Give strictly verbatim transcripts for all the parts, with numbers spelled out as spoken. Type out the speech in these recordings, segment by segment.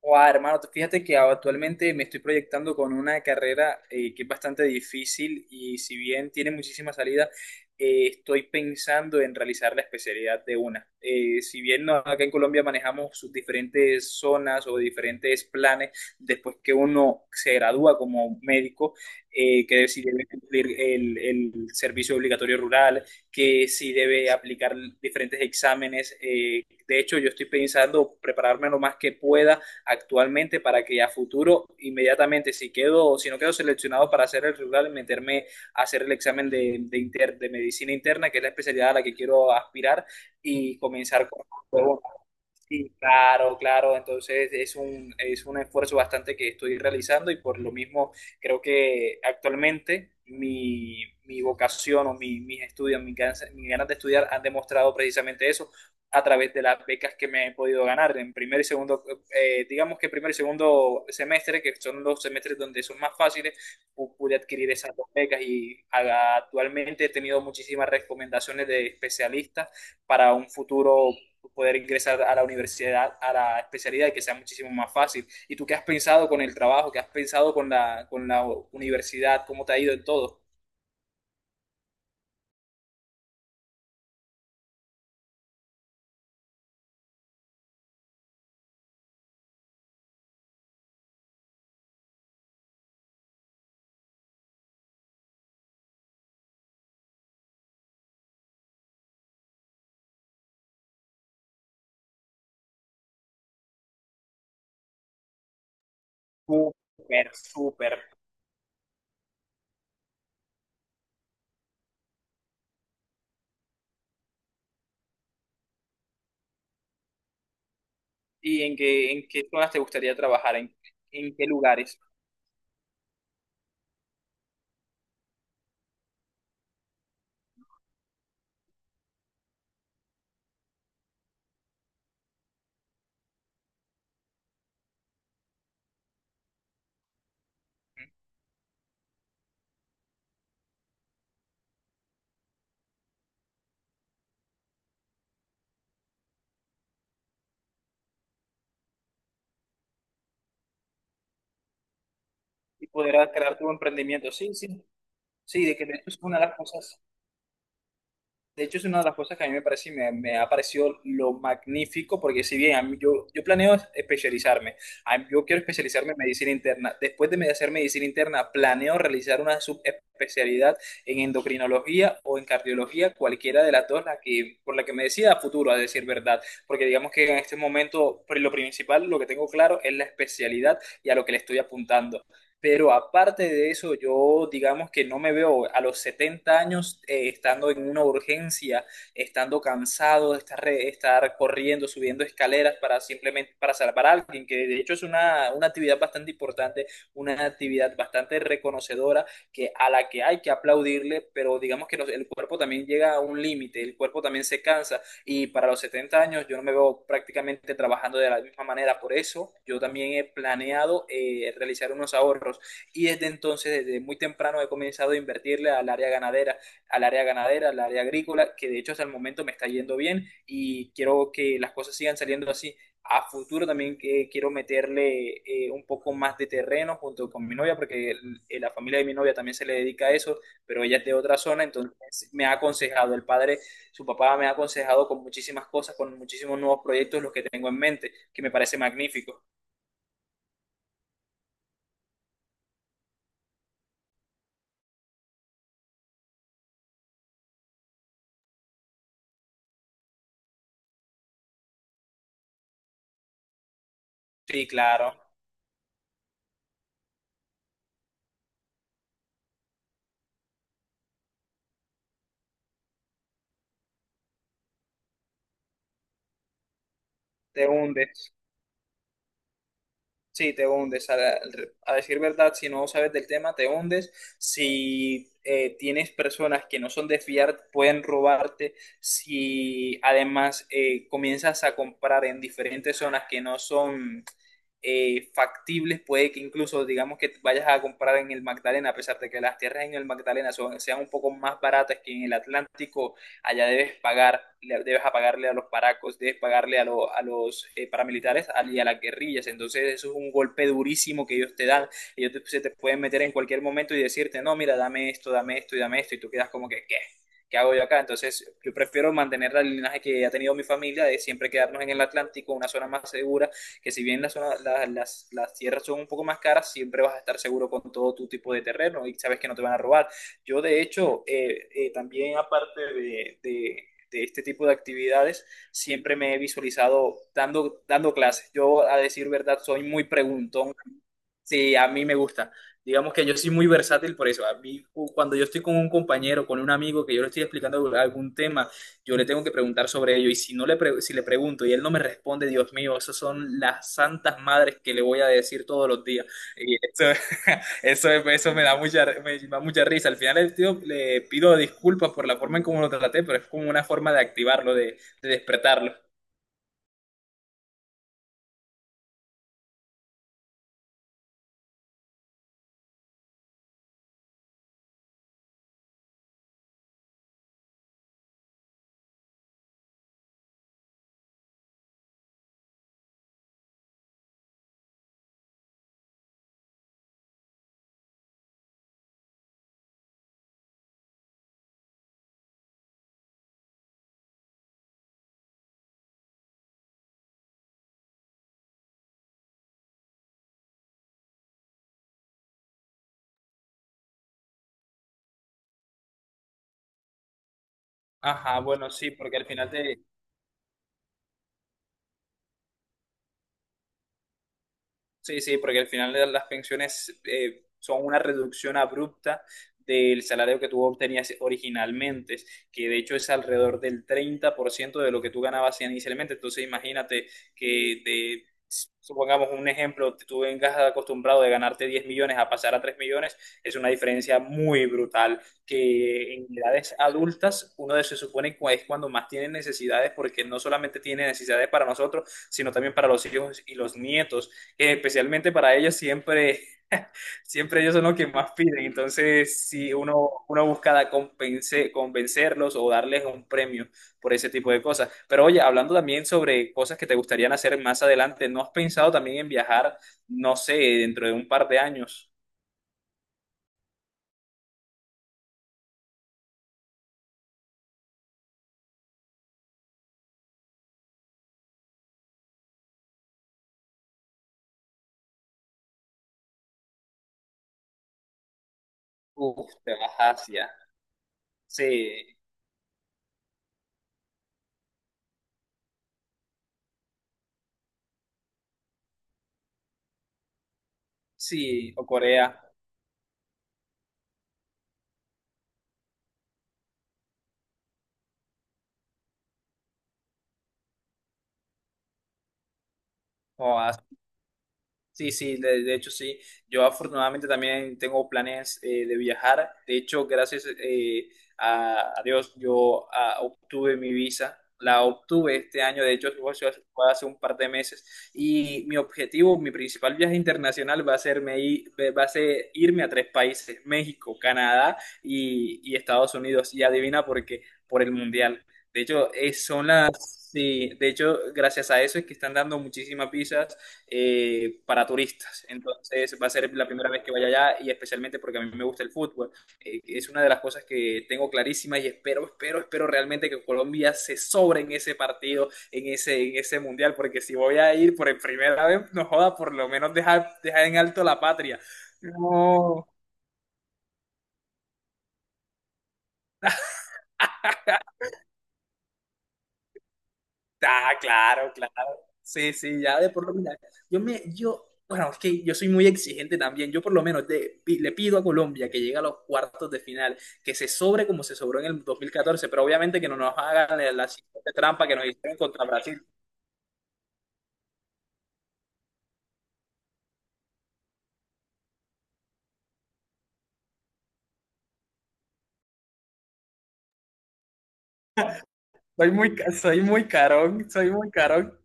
Guau, hermano, tú fíjate que actualmente me estoy proyectando con una carrera eh, que es bastante difícil y si bien tiene muchísima salida, eh, estoy pensando en realizar la especialidad de una. Eh, si bien no- acá en Colombia manejamos sus diferentes zonas o diferentes planes, después que uno se gradúa como médico, eh, que si debe cumplir el, el servicio obligatorio rural, que si debe aplicar diferentes exámenes. Eh, de hecho, yo estoy pensando prepararme lo más que pueda actualmente para que a futuro, inmediatamente, si quedo, si no quedo seleccionado para hacer el regular, meterme a hacer el examen de, de, inter, de medicina interna, que es la especialidad a la que quiero aspirar, y comenzar con. Sí, claro, claro. Entonces es un, es un esfuerzo bastante que estoy realizando y por lo mismo creo que actualmente mi, mi vocación o mi- mis estudios, mis ganas, mis ganas de estudiar han demostrado precisamente eso a través de las becas que me he podido ganar en primer y segundo, eh, digamos que primer y segundo semestre, que son los semestres donde son más fáciles, pu- pude adquirir esas dos becas y a- actualmente he tenido muchísimas recomendaciones de especialistas para un futuro poder ingresar a la universidad, a la especialidad, que sea muchísimo más fácil. ¿Y tú qué has pensado con el trabajo? ¿Qué has pensado con la, con la universidad? ¿Cómo te ha ido en todo? Súper, súper. ¿Y en qué, en qué zonas te gustaría trabajar? ¿En, en qué lugares? Y poder crear tu emprendimiento. Sí, sí, sí, de que de hecho es una de las cosas. De hecho, es una de las cosas que a mí me parece y me, me ha parecido lo magnífico, porque si bien a mí- yo, yo planeo especializarme, a mí- yo quiero especializarme en medicina interna. Después de me- hacer medicina interna, planeo realizar una subespecialidad en endocrinología o en cardiología, cualquiera de las dos, la que, por la que me decida a futuro, a decir verdad. Porque digamos que en este momento, pues, lo principal, lo que tengo claro es la especialidad y a lo que le estoy apuntando. Pero aparte de eso, yo digamos que no me veo a los setenta años eh, estando en una urgencia, estando cansado de estar, re- estar corriendo, subiendo escaleras para simplemente para salvar a alguien, que de hecho es una, una actividad bastante importante, una actividad bastante reconocedora que a la que hay que aplaudirle, pero digamos que nos- el cuerpo también llega a un límite, el cuerpo también se cansa y para los setenta años yo no me veo prácticamente trabajando de la misma manera. Por eso yo también he planeado eh, realizar unos ahorros y desde entonces, desde muy temprano, he comenzado a invertirle al área ganadera, al área ganadera, al área agrícola, que de hecho hasta el momento me está yendo bien y quiero que las cosas sigan saliendo así a futuro también que quiero meterle eh, un poco más de terreno junto con mi novia, porque el- eh, la familia de mi novia también se le dedica a eso, pero ella es de otra zona, entonces me ha aconsejado el padre su papá me ha aconsejado con muchísimas cosas, con muchísimos nuevos proyectos, los que tengo en mente, que me parece magnífico. Sí, claro, te hunde. Sí, te hundes. A, a decir verdad, si no sabes del tema, te hundes. Si eh, tienes personas que no son de fiar, pueden robarte. Si además eh, comienzas a comprar en diferentes zonas que no son eh, factibles, puede que incluso digamos que vayas a comprar en el Magdalena, a pesar de que las tierras en el Magdalena son- sean un poco más baratas que en el Atlántico, allá debes pagar, le- debes apagarle a los paracos, debes pagarle a, lo- a los eh, paramilitares al- y a las guerrillas. Entonces eso es un golpe durísimo que ellos te dan. Ellos te- se te pueden meter en cualquier momento y decirte, no, mira, dame esto, dame esto y dame esto. Y tú quedas como que, ¿qué? ¿Qué hago yo acá? Entonces, yo prefiero mantener el linaje que ha tenido mi familia de siempre quedarnos en el Atlántico, una zona más segura, que si bien la zona- la- las, las tierras son un poco más caras, siempre vas a estar seguro con todo tu tipo de terreno y sabes que no te van a robar. Yo, de hecho, eh, eh, también aparte de, de- de este tipo de actividades, siempre me he visualizado dando, dando clases. Yo, a decir verdad, soy muy preguntón. Sí, a mí me gusta. Digamos que yo soy muy versátil por eso. A mí, cu- cuando yo estoy con un compañero, con un amigo que yo le estoy explicando algún tema, yo le tengo que preguntar sobre ello. Y si no le pre- si le pregunto y él no me responde, Dios mío, esas son las santas madres que le voy a decir todos los días. Y eso, eso, eso me da mucha, me da mucha risa. Al final el tío le pido disculpas por la forma en cómo lo traté, pero es como una forma de activarlo, de, de despertarlo. Ajá, bueno, sí, porque al final te, sí, sí, porque al final de las pensiones eh, son una reducción abrupta del salario que tú obtenías originalmente, que de hecho es alrededor del treinta por ciento de lo que tú ganabas inicialmente. Entonces imagínate que te, supongamos un ejemplo, tú vengas acostumbrado de ganarte diez millones a pasar a tres millones, es una diferencia muy brutal, que en edades adultas uno se supone que es cuando más tiene necesidades, porque no solamente tiene necesidades para nosotros, sino también para los hijos y los nietos, especialmente para ellos siempre, siempre ellos son los que más piden. Entonces, si uno, uno busca da- convence- convencerlos o darles un premio por ese tipo de cosas. Pero oye, hablando también sobre cosas que te gustarían hacer más adelante, ¿no has pensado también en viajar, no sé, dentro de un par de años? Uf, te vas a Asia. Sí, sí, o Corea, o a. Sí, sí, de, de hecho sí. Yo afortunadamente también tengo planes eh, de viajar. De hecho, gracias eh, a, a Dios, yo ah, obtuve mi visa. La obtuve este año, de hecho, fue hace fue hace un par de meses. Y mi objetivo, mi principal viaje internacional va a ser, me ir, va a ser irme a tres países, México, Canadá y, y Estados Unidos. Y adivina por qué, por el Mundial. De hecho, eh, son las... Sí, de hecho, gracias a eso es que están dando muchísimas visas eh, para turistas. Entonces va a ser la primera vez que vaya allá y especialmente porque a mí me gusta el fútbol. Eh, es una de las cosas que tengo clarísimas y espero, espero, espero realmente que Colombia se sobre en ese partido, en ese, en ese mundial, porque si voy a ir por primera vez, no joda, por lo menos dejar, dejar en alto la patria. No, ah, claro, claro. Sí, sí, ya de por lo menos. Yo me, yo, bueno, es que yo soy muy exigente también. Yo por lo menos de- pi- le pido a Colombia que llegue a los cuartos de final, que se sobre como se sobró en el dos mil catorce pero obviamente que no nos hagan la, la siguiente trampa que nos hicieron contra Brasil. Soy muy, ca- soy muy carón, soy muy carón.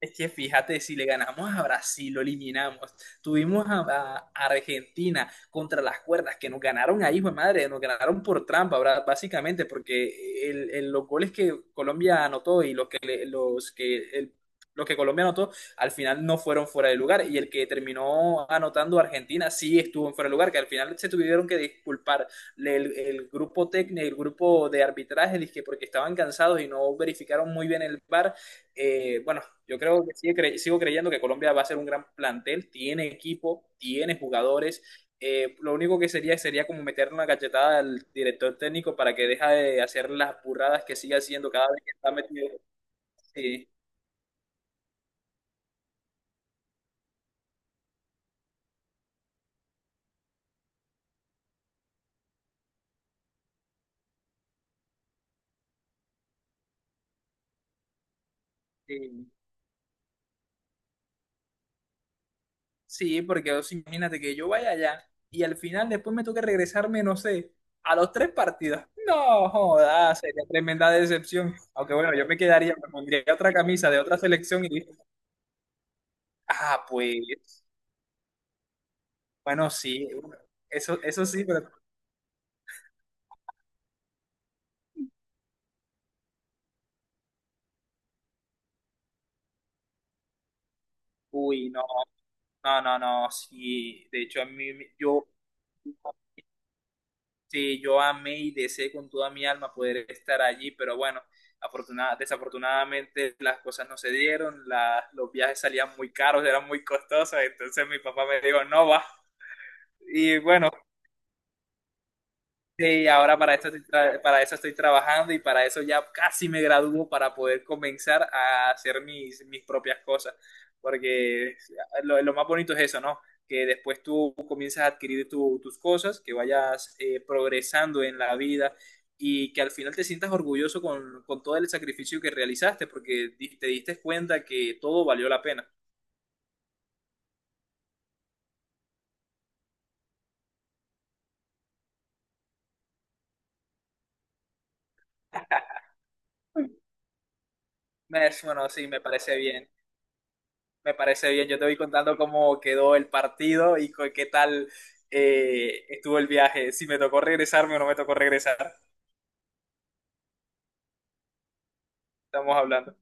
Es que fíjate, si le ganamos a Brasil, lo eliminamos. Tuvimos a, a a Argentina contra las cuerdas, que nos ganaron ahí, hijo de madre, nos ganaron por trampa, bra- básicamente, porque el- el- los goles que Colombia anotó y los que, le- los que, el- los que Colombia anotó al final no fueron fuera de lugar. Y el que terminó anotando Argentina sí estuvo en fuera de lugar, que al final se tuvieron que disculpar el, el grupo técnico, el grupo de arbitraje, dizque porque estaban cansados y no verificaron muy bien el VAR. Eh, bueno, yo creo que sigue cre- sigo creyendo que Colombia va a ser un gran plantel, tiene equipo, tiene jugadores. Eh, lo único que sería sería como meterle una cachetada al director técnico para que deje de hacer las burradas que sigue haciendo cada vez que está metido. Sí, sí, sí, porque o sea, imagínate que yo vaya allá y al final después me toque regresarme, no sé, a los tres partidos. No, joda, sería tremenda decepción. Aunque bueno, yo me quedaría, me pondría otra camisa de otra selección y ah, pues. Bueno, sí, eso, eso sí, pero... Uy, no, no, no, no, sí. De hecho, a mí, me- yo, sí, yo amé y deseé con toda mi alma poder estar allí, pero bueno, afortuna- desafortunadamente las cosas no se dieron, la- los viajes salían muy caros, eran muy costosos, entonces mi papá me dijo, no va. Y bueno. Sí, ahora para esto estoy tra- para eso estoy trabajando y para eso ya casi me gradúo para poder comenzar a hacer mis, mis propias cosas. Porque lo, lo más bonito es eso, ¿no? Que después tú comienzas a adquirir tu- tus cosas, que vayas eh, progresando en la vida y que al final te sientas orgulloso con, con todo el sacrificio que realizaste, porque di- te diste cuenta que todo valió la pena. Me- Bueno, sí, me parece bien. Me parece bien, yo te voy contando cómo quedó el partido y co- qué tal eh, estuvo el viaje, si me tocó regresarme o no me tocó regresar. Estamos hablando.